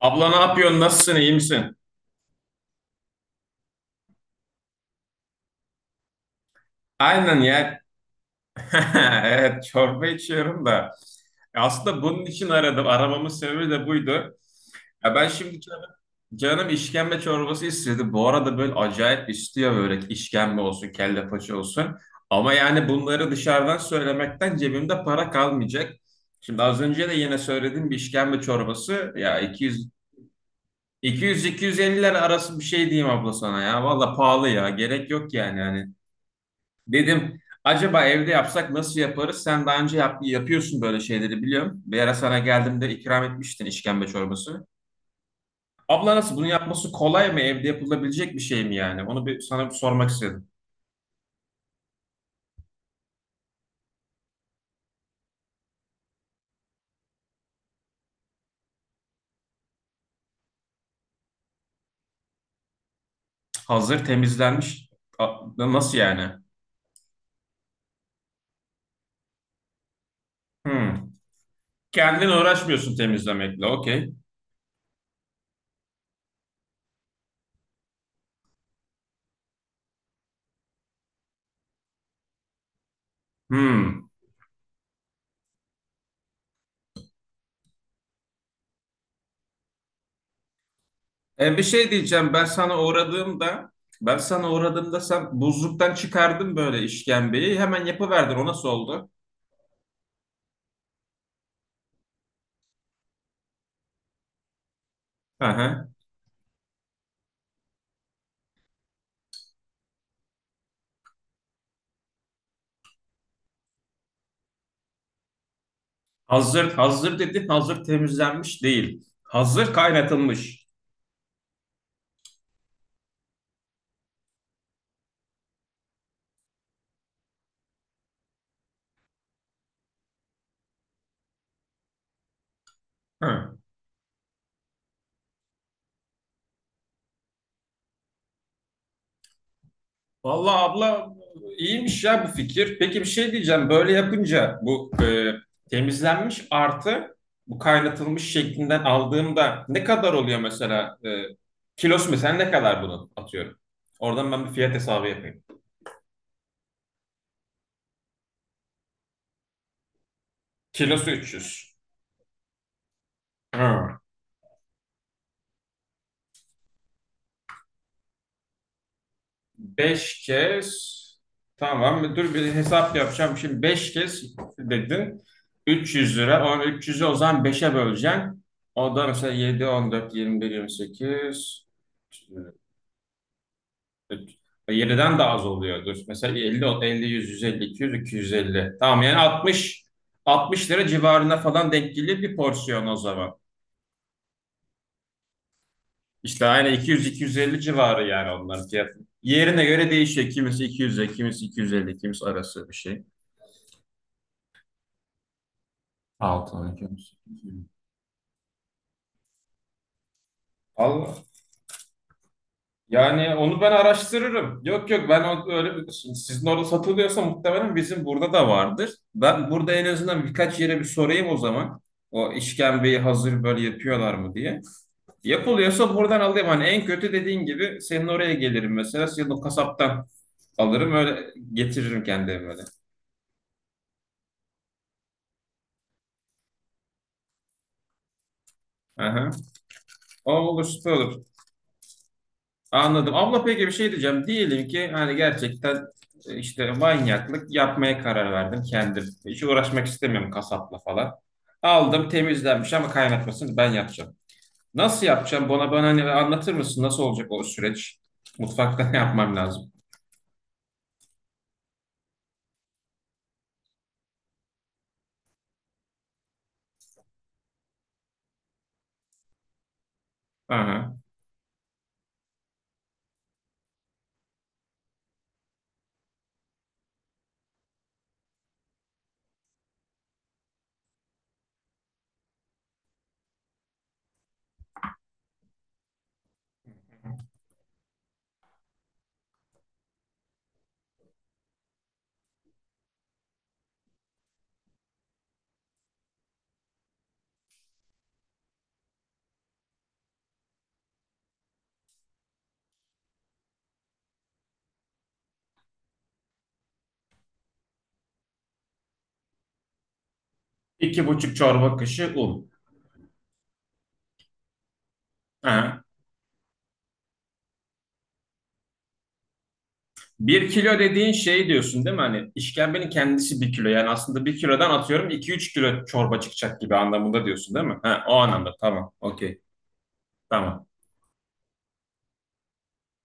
Abla ne yapıyorsun? Nasılsın? İyi misin? Aynen ya. Evet, çorba içiyorum da. Aslında bunun için aradım. Aramamın sebebi de buydu. Ya ben şimdi canım işkembe çorbası istedi. Bu arada böyle acayip istiyor, böyle işkembe olsun, kelle paça olsun. Ama yani bunları dışarıdan söylemekten cebimde para kalmayacak. Şimdi az önce de yine söylediğim bir işkembe çorbası ya 200 200-250 lira arası bir şey diyeyim abla sana ya. Valla pahalı ya. Gerek yok yani. Yani dedim, acaba evde yapsak nasıl yaparız? Sen daha önce yapıyorsun böyle şeyleri, biliyorum. Bir ara sana geldiğimde ikram etmiştin işkembe çorbası. Abla nasıl, bunu yapması kolay mı? Evde yapılabilecek bir şey mi yani? Onu bir sana bir sormak istedim. Hazır temizlenmiş. Nasıl yani? Hmm. Kendin uğraşmıyorsun temizlemekle. Okey. Hmm. Bir şey diyeceğim. Ben sana uğradığımda sen buzluktan çıkardın böyle işkembeyi. Hemen yapıverdin. O nasıl oldu? Hı hı. Hazır, hazır dedi. Hazır temizlenmiş değil, hazır kaynatılmış. Hı. Vallahi abla, iyiymiş ya bu fikir. Peki, bir şey diyeceğim. Böyle yapınca bu temizlenmiş artı bu kaynatılmış şeklinden aldığımda ne kadar oluyor mesela? Kilosu mesela ne kadar, bunu atıyorum? Oradan ben bir fiyat hesabı yapayım. Kilosu 300. Hı. Beş kez. Tamam, dur bir hesap yapacağım. Şimdi beş kez dedin. 300 lira. O 300'ü o zaman beşe böleceksin. O da mesela, yedi, on dört, yirmi bir, yirmi sekiz, 7'den daha az oluyordur. Mesela elli, elli, yüz, yüz elli, iki yüz, iki yüz elli. Tamam yani altmış, 60 lira civarına falan denk gelir bir porsiyon o zaman. İşte aynı, iki, iki yüz, iki yüz elli civarı yani onların fiyatı. Yerine göre değişiyor. Kimisi 200'e, kimisi 250, kimisi arası bir şey. 6, 12, 18, 20. Allah. Yani onu ben araştırırım. Yok yok, ben öyle bir, şimdi sizin orada satılıyorsa muhtemelen bizim burada da vardır. Ben burada en azından birkaç yere bir sorayım o zaman. O işkembeyi hazır böyle yapıyorlar mı diye. Yapılıyorsa buradan alayım. Hani en kötü, dediğin gibi, senin oraya gelirim mesela. Senin o kasaptan alırım, öyle getiririm kendi evime de. Aha. O olur, süper olur. Anladım. Abla peki, bir şey diyeceğim. Diyelim ki hani gerçekten işte manyaklık yapmaya karar verdim kendim. Hiç uğraşmak istemiyorum kasapla falan. Aldım temizlenmiş ama kaynatmasını ben yapacağım. Nasıl yapacağım? Bana hani anlatır mısın? Nasıl olacak o süreç? Mutfakta ne yapmam lazım? Aha. İki buçuk çorba kaşığı un. Aha. Bir kilo dediğin şey diyorsun değil mi? Hani işkembenin kendisi bir kilo. Yani aslında bir kilodan atıyorum iki üç kilo çorba çıkacak gibi anlamında diyorsun değil mi? Ha, o anlamda. Tamam. Okey. Tamam.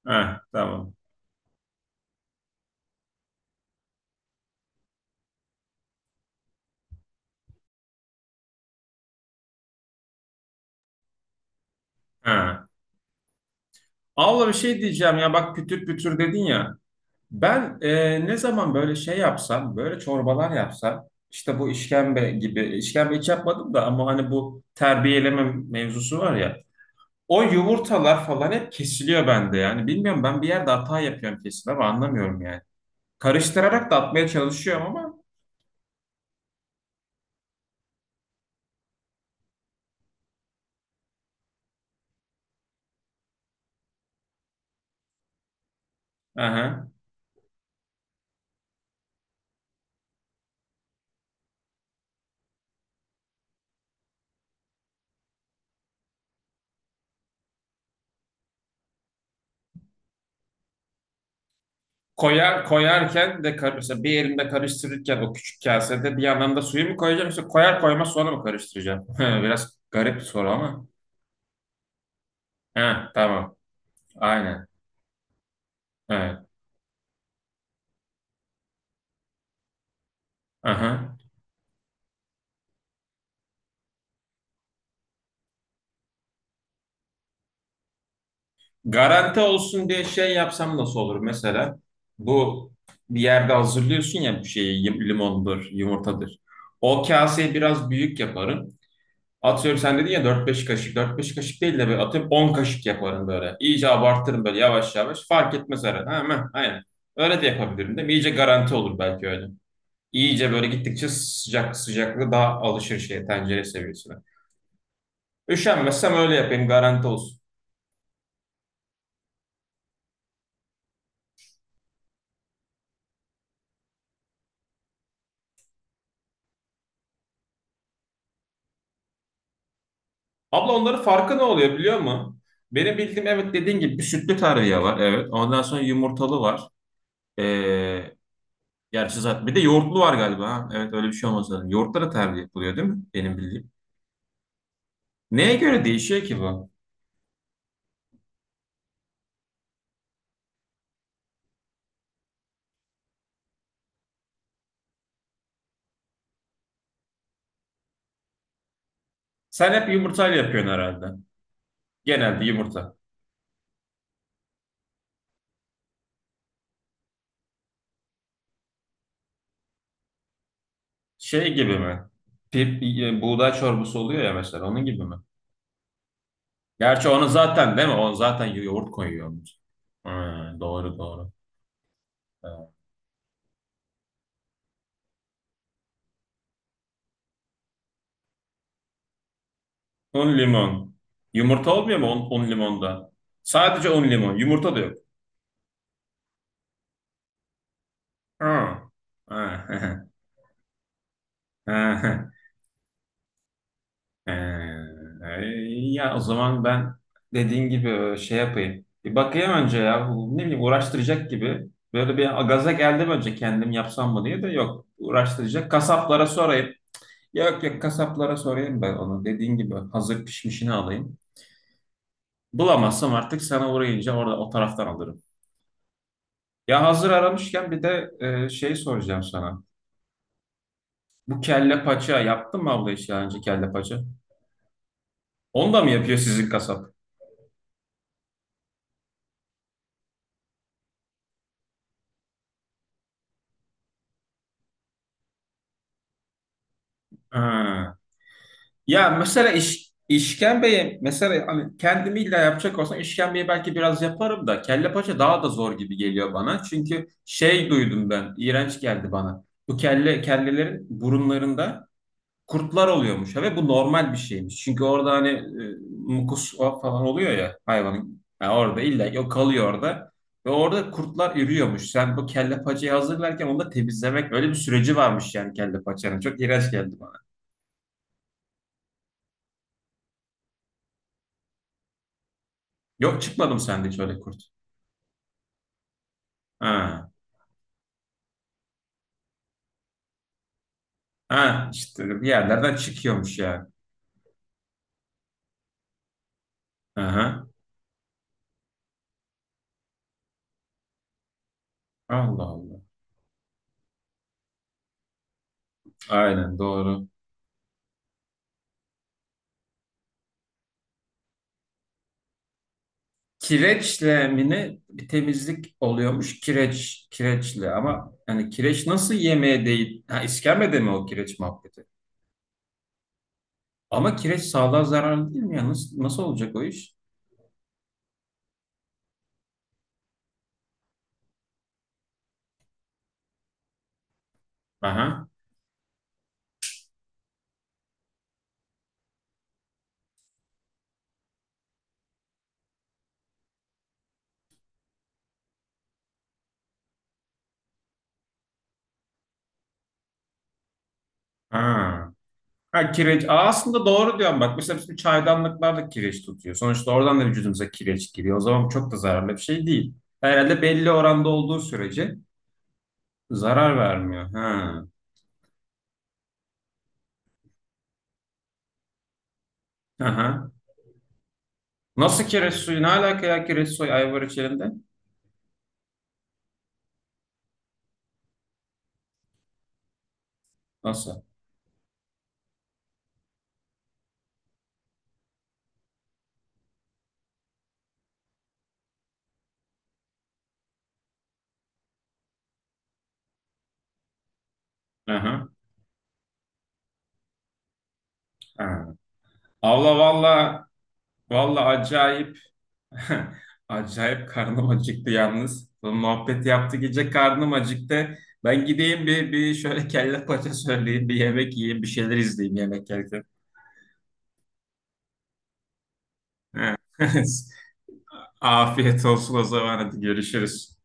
Ha, tamam. Ha. Abla bir şey diyeceğim ya, bak pütür pütür dedin ya. Ben ne zaman böyle şey yapsam, böyle çorbalar yapsam, işte bu işkembe gibi, işkembe hiç yapmadım da ama hani bu terbiyeleme mevzusu var ya. O yumurtalar falan hep kesiliyor bende yani. Bilmiyorum, ben bir yerde hata yapıyorum kesin ama anlamıyorum yani. Karıştırarak da atmaya çalışıyorum ama. Aha. Koyarken de mesela bir elimde karıştırırken o küçük kasede bir yandan da suyu mu koyacağım, yoksa koyar koymaz sonra mı karıştıracağım? Biraz garip bir soru ama. Ha, tamam. Aynen. Evet. Aha. Garanti olsun diye şey yapsam nasıl olur mesela? Bu, bir yerde hazırlıyorsun ya bir şeyi, limondur, yumurtadır. O kaseyi biraz büyük yaparım. Atıyorum sen dedin ya, dört beş kaşık. Dört beş kaşık değil de böyle atıyorum 10 kaşık yaparım böyle. İyice abartırım böyle, yavaş yavaş. Fark etmez herhalde. Ha, ha, aynen. Öyle de yapabilirim değil mi? İyice garanti olur belki öyle. İyice böyle gittikçe sıcaklığı daha alışır şeye, tencere seviyesine. Üşenmezsem öyle yapayım, garanti olsun. Abla onların farkı ne oluyor biliyor musun? Benim bildiğim, evet, dediğin gibi bir sütlü tarhana var, evet. Ondan sonra yumurtalı var. Ee, gerçi zaten bir de yoğurtlu var galiba. Ha? Evet, öyle bir şey olmasa. Yoğurtlara tarhana yapılıyor değil mi? Benim bildiğim. Neye göre değişiyor ki bu? Sen hep yumurtayla yapıyorsun herhalde. Genelde yumurta. Şey gibi mi? Buğday çorbası oluyor ya, mesela onun gibi mi? Gerçi onu zaten, değil mi? Onu zaten yoğurt koyuyormuş. Ha, doğru doğru. Ha. Un limon. Yumurta olmuyor mu un limonda? Sadece un limon. Yumurta da yok. Ha. Ha. Ee, ya o zaman ben dediğin gibi şey yapayım. Bir bakayım önce ya. Bu, ne bileyim, uğraştıracak gibi. Böyle bir gaza geldim, önce kendim yapsam mı diye de yok. Uğraştıracak. Kasaplara sorayım. Yok yok, kasaplara sorayım ben onu. Dediğin gibi hazır pişmişini alayım. Bulamazsam artık sana uğrayınca orada o taraftan alırım. Ya hazır aramışken bir de şey soracağım sana. Bu kelle paça yaptın mı abla, hiç daha önce kelle paça? Onu da mı yapıyor sizin kasap? Ha. Ya mesela işkembeye mesela, hani kendimi illa yapacak olsam işkembeyi belki biraz yaparım da kelle paça daha da zor gibi geliyor bana. Çünkü şey duydum, ben iğrenç geldi bana. Bu kellelerin burunlarında kurtlar oluyormuş ve bu normal bir şeymiş. Çünkü orada hani mukus, o falan oluyor ya, hayvanın yani, orada illa ki o kalıyor orada. Ve orada kurtlar ürüyormuş. Sen bu kelle paçayı hazırlarken onu da temizlemek, öyle bir süreci varmış yani kelle paçanın. Çok iğrenç geldi bana. Yok çıkmadım sende hiç öyle kurt. Ha. Ha, işte bir yerlerden çıkıyormuş yani. Aha. Allah Allah. Aynen doğru. Kireçle mi, ne? Bir temizlik oluyormuş, kireçle, ama yani kireç nasıl yemeğe değil? Ha, iskemlede mi o kireç muhabbeti? Ama kireç sağlığa zararlı değil mi ya? Nasıl olacak o iş? Aha. Ha. Ha, kireç. Aa, aslında doğru diyorum bak. Mesela bizim çaydanlıklar da kireç tutuyor. Sonuçta oradan da vücudumuza kireç giriyor. O zaman bu çok da zararlı bir şey değil. Herhalde belli oranda olduğu sürece zarar vermiyor. Ha. Aha. Nasıl kireç suyu? Ne alaka ya, kireç suyu ayvar içerisinde? Nasıl? Aha. Ha. Abla valla, valla acayip acayip karnım acıktı yalnız. Bu muhabbet yaptı, gece karnım acıktı. Ben gideyim bir şöyle kelle paça söyleyeyim, bir yemek yiyeyim, bir şeyler izleyeyim yemek yerken. Ha. Afiyet olsun o zaman, hadi görüşürüz.